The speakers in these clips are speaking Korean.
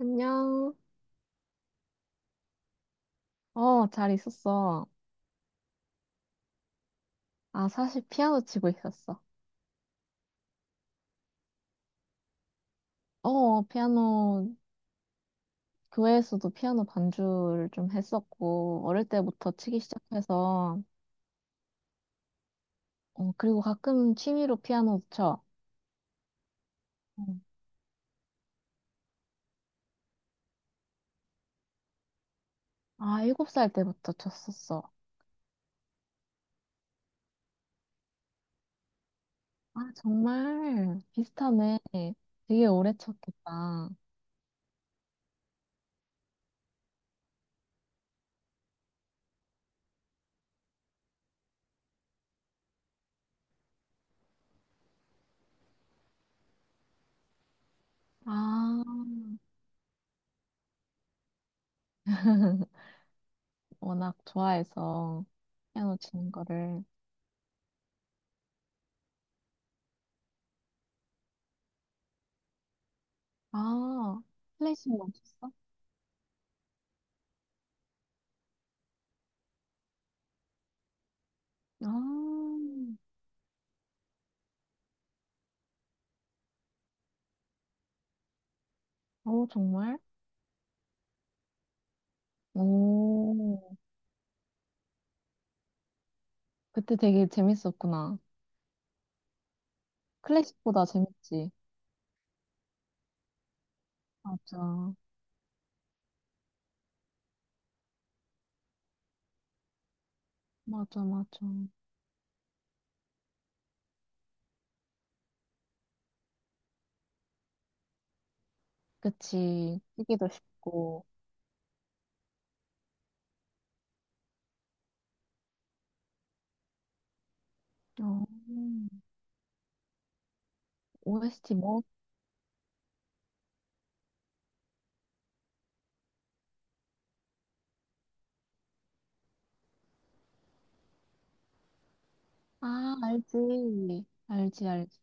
안녕. 어, 잘 있었어. 아, 사실 피아노 치고 있었어. 어, 피아노, 교회에서도 피아노 반주를 좀 했었고, 어릴 때부터 치기 시작해서, 어, 그리고 가끔 취미로 피아노도 쳐. 어, 아, 일곱 살 때부터 쳤었어. 아, 정말 비슷하네. 되게 오래 쳤겠다. 아, 워낙 좋아해서 피아노 치는 거를. 아, 클래식만 쳤어? 아. 어, 정말? 오, 그때 되게 재밌었구나. 클래식보다 재밌지. 맞아. 맞아, 맞아. 그치. 쓰기도 쉽고. 어, OST 뭐? 아, 알지. 알지, 알지.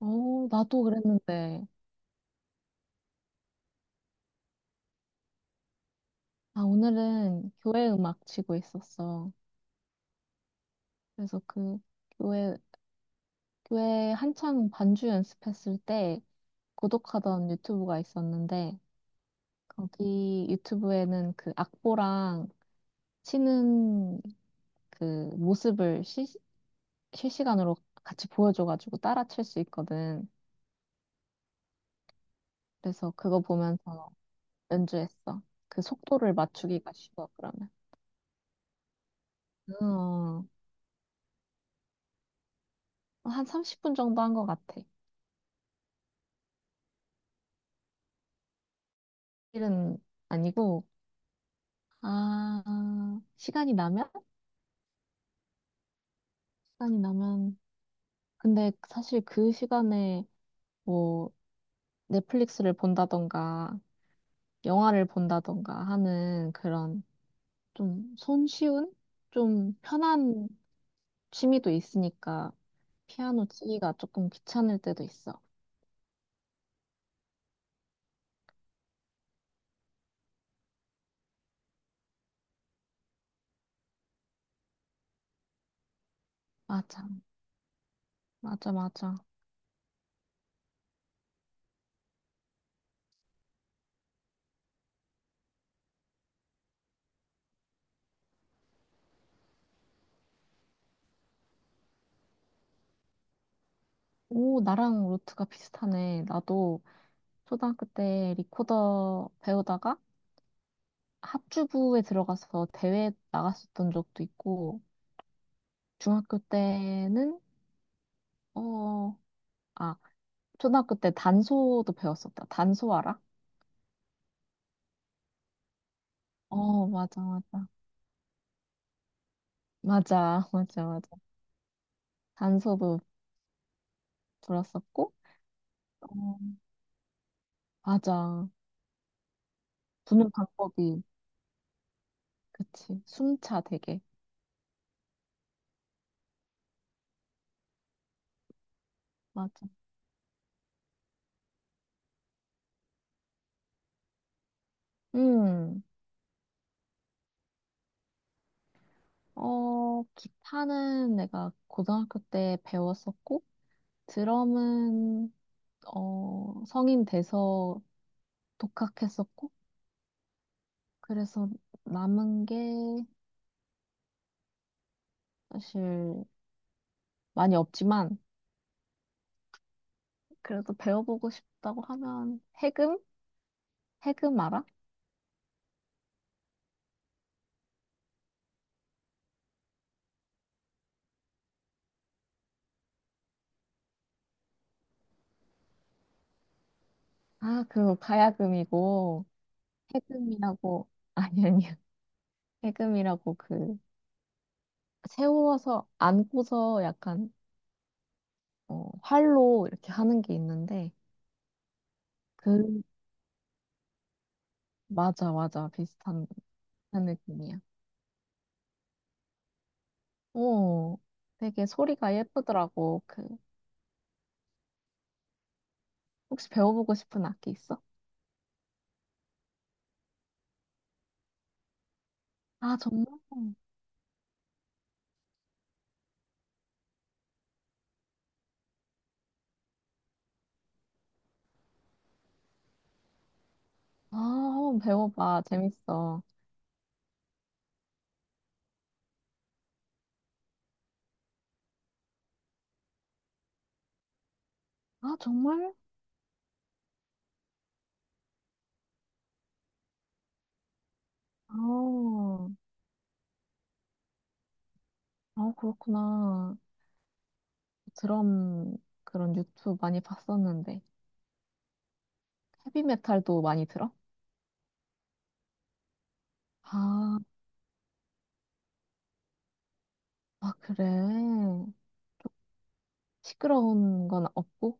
어, 나도 그랬는데. 아, 오늘은 교회 음악 치고 있었어. 그래서 그 교회, 교회 한창 반주 연습했을 때 구독하던 유튜브가 있었는데, 거기 유튜브에는 그 악보랑 치는 그 모습을 실, 실시간으로 같이 보여줘가지고 따라칠 수 있거든. 그래서 그거 보면서 연주했어. 그 속도를 맞추기가 쉬워, 그러면. 어, 한 30분 정도 한 것 같아. 일은 아니고, 아, 시간이 나면? 시간이 나면. 근데 사실 그 시간에 뭐 넷플릭스를 본다던가, 영화를 본다던가 하는 그런 좀 손쉬운? 좀 편한 취미도 있으니까 피아노 치기가 조금 귀찮을 때도 있어. 맞아, 맞아, 맞아. 오, 나랑 루트가 비슷하네. 나도 초등학교 때 리코더 배우다가 합주부에 들어가서 대회 나갔었던 적도 있고, 중학교 때는, 어, 아, 초등학교 때 단소도 배웠었다. 단소 알아? 어, 맞아, 맞아. 맞아, 맞아, 맞아. 단소도 불었었고, 어, 맞아. 부는 방법이 그치. 숨차 되게. 맞아. 음. 어, 기타는 내가 고등학교 때 배웠었고, 드럼은, 어, 성인 돼서 독학했었고, 그래서 남은 게 사실 많이 없지만, 그래도 배워보고 싶다고 하면, 해금? 해금 알아? 아, 그거 가야금이고, 해금이라고, 아니, 아니야. 해금이라고 그, 세워서, 안고서 약간 어, 활로 이렇게 하는 게 있는데, 그, 맞아, 맞아. 비슷한 느낌이야. 오, 되게 소리가 예쁘더라고. 그, 혹시 배워보고 싶은 악기 있어? 아, 정말? 아, 한번 배워봐. 재밌어. 아, 정말? 아, 아, 그렇구나. 드럼, 그런 유튜브 많이 봤었는데. 헤비메탈도 많이 들어? 아, 아, 그래. 시끄러운 건 없고?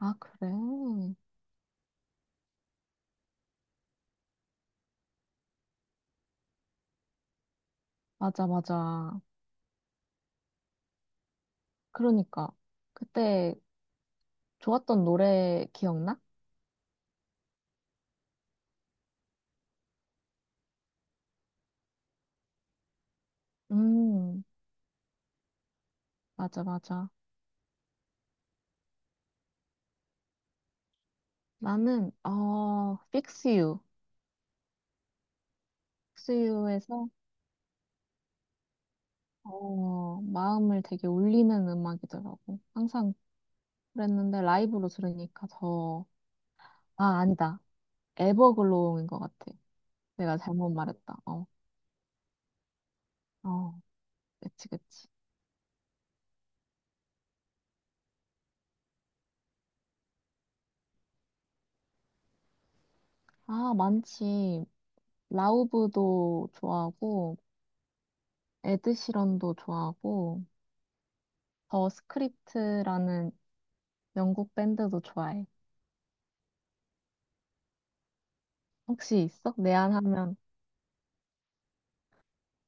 아, 그래. 맞아, 맞아. 그러니까. 그때 좋았던 노래 기억나? 음, 맞아, 맞아. 나는, 어, Fix You. Fix You에서, 어, 마음을 되게 울리는 음악이더라고. 항상 그랬는데 라이브로 들으니까 더, 아, 아니다. 에버글로우인 것 같아. 내가 잘못 말했다. 어, 어, 그치, 그치. 아, 많지. 라우브도 좋아하고, 에드시런도 좋아하고, 더 스크립트라는 영국 밴드도 좋아해. 혹시 있어? 내한하면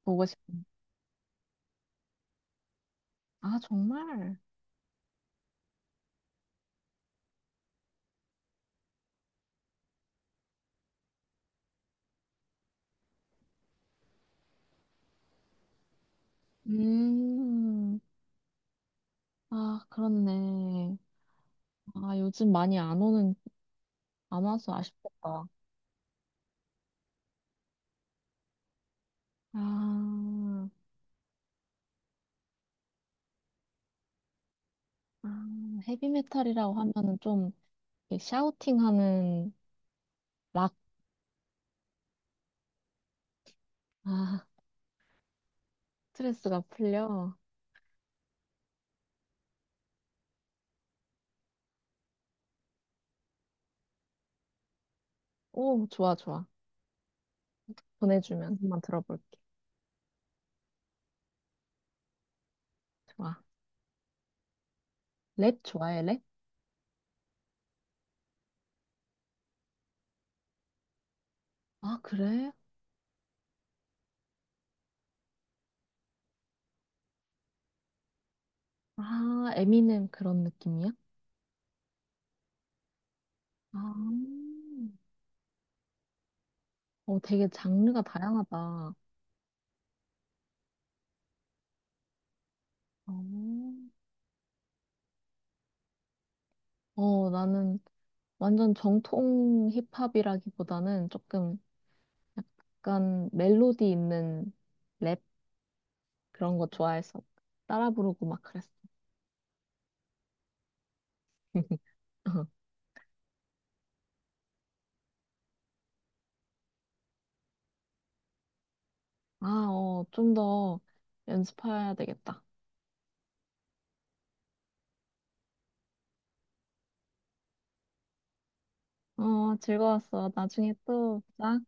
보고 싶어. 아, 정말? 음, 아, 그렇네. 아, 요즘 많이 안 오는, 안 와서 아쉽겠다. 아, 아, 헤비메탈이라고 하면은 좀 이렇게 샤우팅하는 락, 아, 스트레스가 풀려. 오, 좋아, 좋아. 보내주면 한번 들어볼게. 좋아. 랩 좋아해, 랩? 아, 그래? 아, 에미넴 그런 느낌이야? 아, 어, 되게 장르가 다양하다. 어, 어, 나는 완전 정통 힙합이라기보다는 조금 약간 멜로디 있는 랩 그런 거 좋아해서 따라 부르고 막 그랬어. 아, 어, 좀 더 연습해야 되겠다. 어, 즐거웠어. 나중에 또 보자.